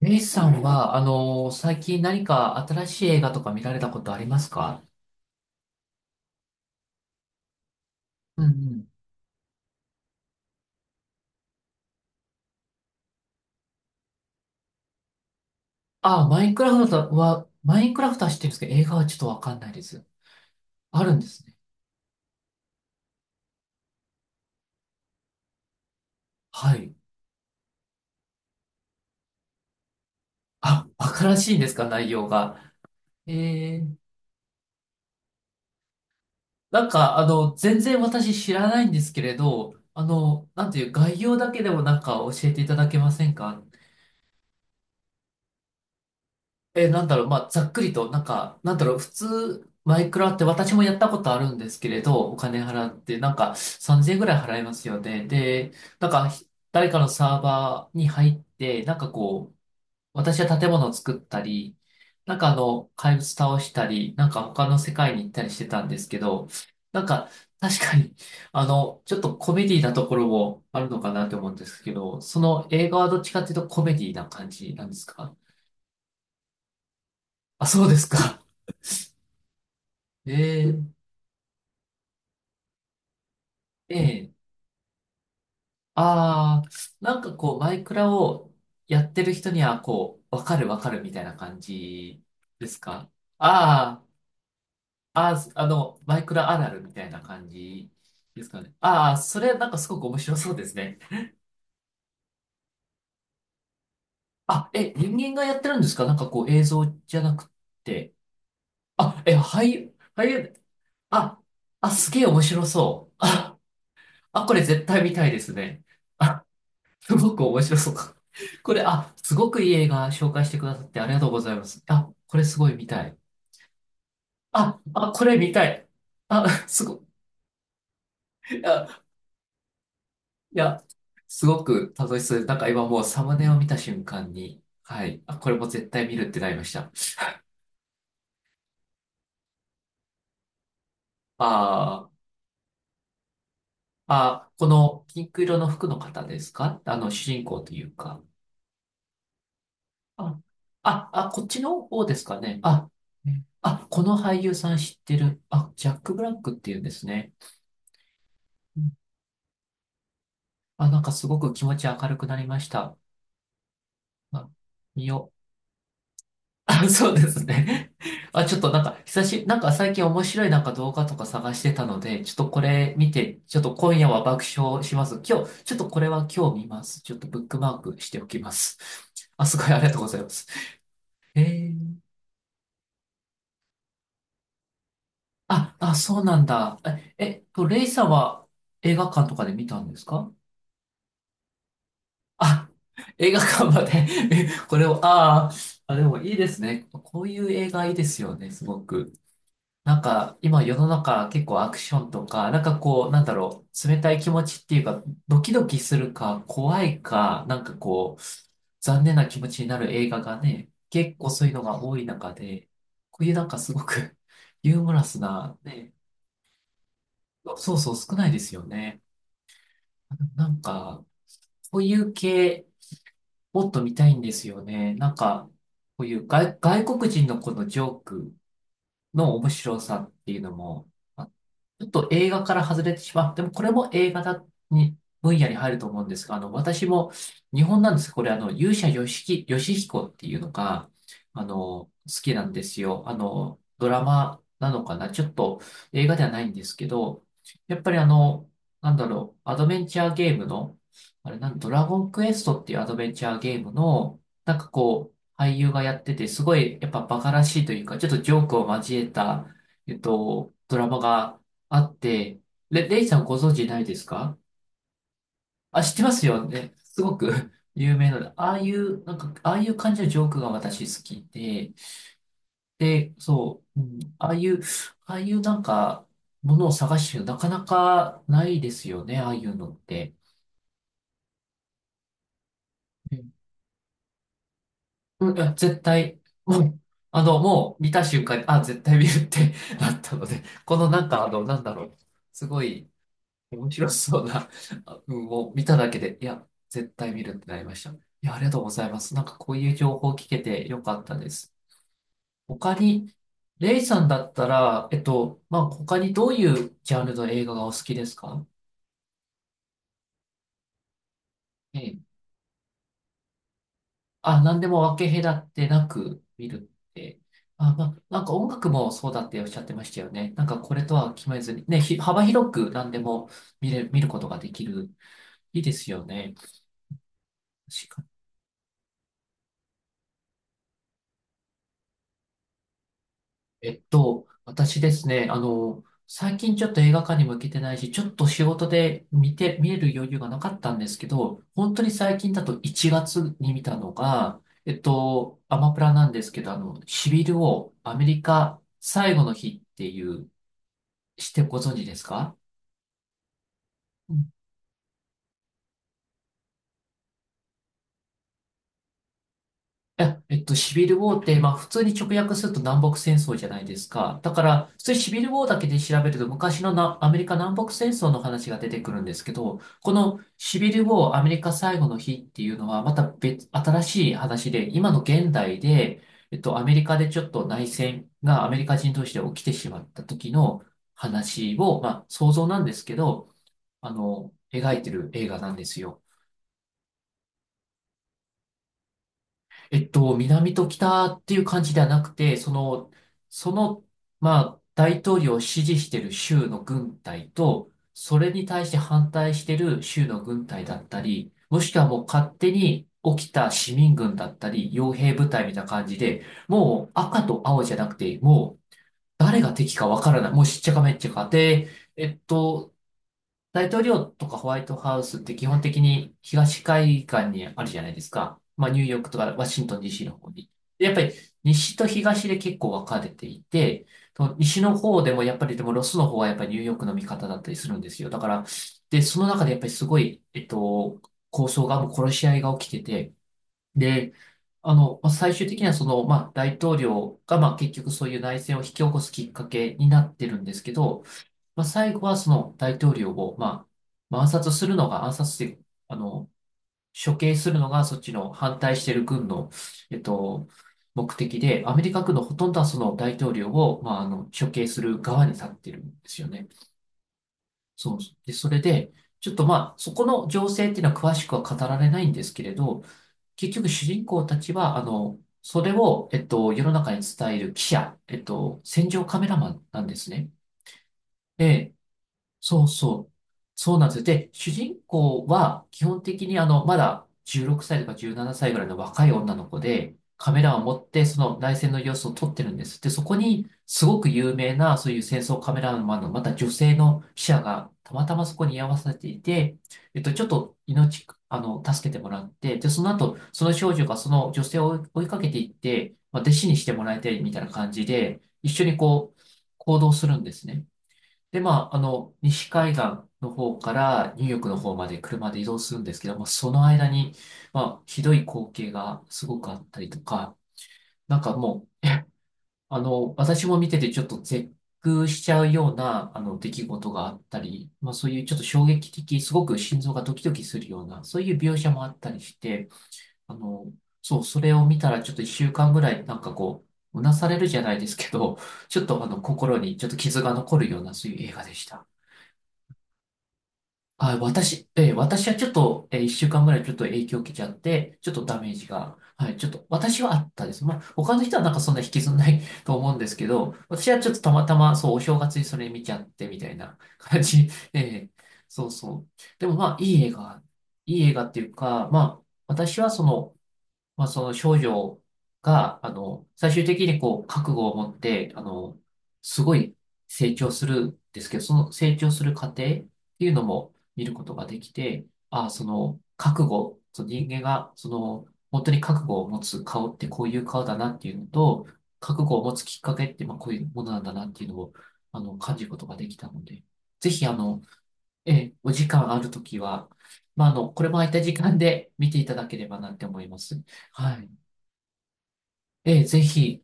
レイさんは、最近何か新しい映画とか見られたことありますか？うんうん。あ、マインクラフトは、マインクラフトは知ってるんですけど、映画はちょっとわかんないです。あるんですね。はい。あ、わからしいんですか、内容が。えー、全然私知らないんですけれど、なんていう、概要だけでもなんか教えていただけませんか？え、なんだろう、まあ、ざっくりと、なんか、なんだろう、普通、マイクラって私もやったことあるんですけれど、お金払って、なんか、3000円ぐらい払いますよね。で、なんか、誰かのサーバーに入って、なんかこう、私は建物を作ったり、怪物倒したり、なんか他の世界に行ったりしてたんですけど、なんか、確かに、ちょっとコメディなところもあるのかなと思うんですけど、その映画はどっちかっていうとコメディな感じなんですか？あ、そうですか。えー、ええ。ああ。なんかこう、マイクラをやってる人には、こう、わかるわかるみたいな感じですか？あ、ああー、マイクラあるあるみたいな感じですかね。ああ、それなんかすごく面白そうですね。あ、え、人間がやってるんですか？なんかこう、映像じゃなくて。あ、え、俳優、俳優、あ、あ、すげえ面白そう。あ、あ、これ絶対見たいですね。すごく面白そう。これ、あ、すごくいい映画紹介してくださってありがとうございます。あ、これすごい見たい。あ、あ、これ見たい。あ、すご、いや、いや、すごく楽しそうです。なんか今もうサムネを見た瞬間に、はい、あ、これも絶対見るってなりました。あー、あ、このピンク色の服の方ですか？あの、主人公というか。あ、あ、あ、こっちの方ですかね。あ、あ、この俳優さん知ってる。あ、ジャック・ブラックっていうんですね。あ、なんかすごく気持ち明るくなりました。まあ、見よう。あ、そうですね。あ、ちょっとなんか、久し、なんか最近面白いなんか動画とか探してたので、ちょっとこれ見て、ちょっと今夜は爆笑します。今日、ちょっとこれは今日見ます。ちょっとブックマークしておきます。あ、すごいありがとうございます。えー、あ、あ、そうなんだ。え、レイさんは映画館とかで見たんですか？あ、映画館まで。 これを、ああ、あ、でもいいですね。こういう映画いいですよね、すごく。なんか、今世の中結構アクションとか、なんかこう、なんだろう、冷たい気持ちっていうか、ドキドキするか、怖いか、なんかこう、残念な気持ちになる映画がね、結構そういうのが多い中で、こういうなんかすごく ユーモラスな、ね、そうそう、少ないですよね。なんか、こういう系、もっと見たいんですよね。なんか、こういう外、外国人のこのジョークの面白さっていうのも、ちょっと映画から外れてしまっても、これも映画だに、分野に入ると思うんですが、私も、日本なんですこれ、勇者よしき、よしひこっていうのが、好きなんですよ。あの、ドラマなのかな、ちょっと映画ではないんですけど、やっぱりなんだろう、アドベンチャーゲームの、あれなん、ドラゴンクエストっていうアドベンチャーゲームの、なんかこう、俳優がやってて、すごい、やっぱバカらしいというか、ちょっとジョークを交えた、ドラマが、あって、レ、レイさんご存知ないですか？あ、知ってますよね。すごく 有名なので、ああいう、なんか、ああいう感じのジョークが私好きで、で、そう、うん、ああいう、ああいうなんか、ものを探してるのなかなかないですよね、ああいうのって。うん、いや、絶対、もう、もう見た瞬間に、あ、絶対見るって なったので、このなんか、なんだろう、すごい、面白そうな、あうん、もう見ただけで、いや、絶対見るってなりました。いや、ありがとうございます。なんかこういう情報を聞けてよかったです。他に、レイさんだったら、まあ、他にどういうジャンルの映画がお好きですか？ええ。あ、何でも分け隔てなく見るって。あ、まあ、なんか音楽もそうだっておっしゃってましたよね。なんかこれとは決めずに、ね、幅広く何でも見れ、見ることができる。いいですよね。私ですね、最近ちょっと映画館にも行けてないし、ちょっと仕事で見て、見える余裕がなかったんですけど、本当に最近だと1月に見たのが、アマプラなんですけど、シビルをアメリカ最後の日っていう、してご存知ですか？いや、シビルウォーって、まあ、普通に直訳すると南北戦争じゃないですか。だから、普通にシビルウォーだけで調べると、昔のなアメリカ南北戦争の話が出てくるんですけど、このシビルウォーアメリカ最後の日っていうのは、また別、新しい話で、今の現代で、アメリカでちょっと内戦がアメリカ人同士で起きてしまった時の話を、まあ、想像なんですけど、描いてる映画なんですよ。南と北っていう感じではなくて、その、その、まあ、大統領を支持している州の軍隊と、それに対して反対している州の軍隊だったり、もしくはもう勝手に起きた市民軍だったり、傭兵部隊みたいな感じで、もう赤と青じゃなくて、もう誰が敵かわからない。もうしっちゃかめっちゃかで、えっと、大統領とかホワイトハウスって基本的に東海岸にあるじゃないですか。まあ、ニューヨークとかワシントン DC の方に。でやっぱり西と東で結構分かれていて、その西の方でもやっぱりでもロスの方はやっぱりニューヨークの味方だったりするんですよ。だから、で、その中でやっぱりすごい、抗争が、もう殺し合いが起きてて、で、まあ最終的にはその、まあ、大統領が、まあ、結局そういう内戦を引き起こすきっかけになってるんですけど、まあ、最後はその大統領を、まあ、まあ暗殺するのが、暗殺して、あの、処刑するのがそっちの反対してる軍の、えっと、目的で、アメリカ軍のほとんどはその大統領を、まあ、処刑する側に立ってるんですよね。そう。で、それで、ちょっとそこの情勢っていうのは詳しくは語られないんですけれど、結局主人公たちは、それを、世の中に伝える記者、戦場カメラマンなんですね。で、そうそう。そうなんですよ。で、主人公は基本的にまだ16歳とか17歳ぐらいの若い女の子で、カメラを持ってその内戦の様子を撮ってるんです。で、そこにすごく有名なそういう戦争カメラマンのまた女性の記者がたまたまそこに居合わせていて、ちょっと命、助けてもらって、で、その後、その少女がその女性を追いかけていって、まあ、弟子にしてもらいたいみたいな感じで、一緒にこう、行動するんですね。で、まあ、あの、西海岸の方からニューヨークの方まで車で移動するんですけども、その間に、まあ、ひどい光景がすごくあったりとか、なんかもう、私も見ててちょっと絶句しちゃうような、出来事があったり、まあ、そういうちょっと衝撃的、すごく心臓がドキドキするような、そういう描写もあったりして、あの、そう、それを見たらちょっと一週間ぐらい、なんかこう、うなされるじゃないですけど、ちょっと心にちょっと傷が残るような、そういう映画でした。あ、私、私はちょっと、一週間ぐらいちょっと影響を受けちゃって、ちょっとダメージが、はい、ちょっと、私はあったです。まあ、他の人はなんかそんな引きずんない と思うんですけど、私はちょっとたまたま、そう、お正月にそれ見ちゃってみたいな感じ。そうそう。でもまあ、いい映画、いい映画っていうか、まあ、私はその、まあ、その少女が、最終的にこう、覚悟を持って、すごい成長するんですけど、その成長する過程っていうのも見ることができて、ああ、その、覚悟、その人間が、その、本当に覚悟を持つ顔ってこういう顔だなっていうのと、覚悟を持つきっかけって、まあ、こういうものなんだなっていうのを、感じることができたので、ぜひ、ええ、お時間あるときは、まあ、あの、これも空いた時間で見ていただければなって思います。はい。ええ、ぜひ。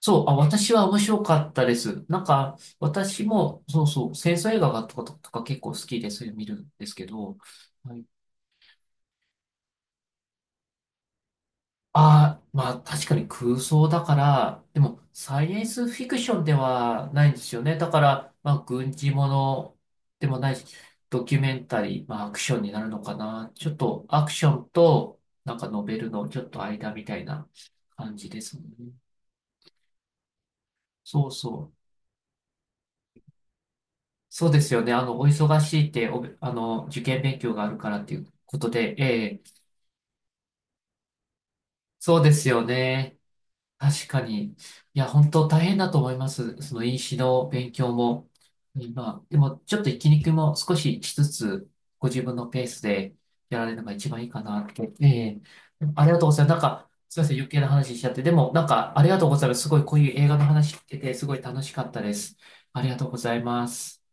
そう、あ、私は面白かったです。なんか、私も、そうそう、戦争映画がとか、とか結構好きで、そういうの見るんですけど、はい。ああ、まあ確かに空想だから、でもサイエンスフィクションではないんですよね。だから、まあ軍事ものでもないし、ドキュメンタリー、まあアクションになるのかな。ちょっとアクションとなんかノベルのちょっと間みたいな感じですもんね。そうそう。そうですよね。あの、お忙しいって、あの、受験勉強があるからっていうことで、ええ、そうですよね。確かに。いや、本当大変だと思います。その飲酒の勉強も。今、でもちょっと息抜も少ししつつ、ご自分のペースでやられるのが一番いいかなって。ええ、ありがとうございます。なんか、すいません、余計な話しちゃって。でも、なんか、ありがとうございます。すごい、こういう映画の話聞けて、すごい楽しかったです。ありがとうございます。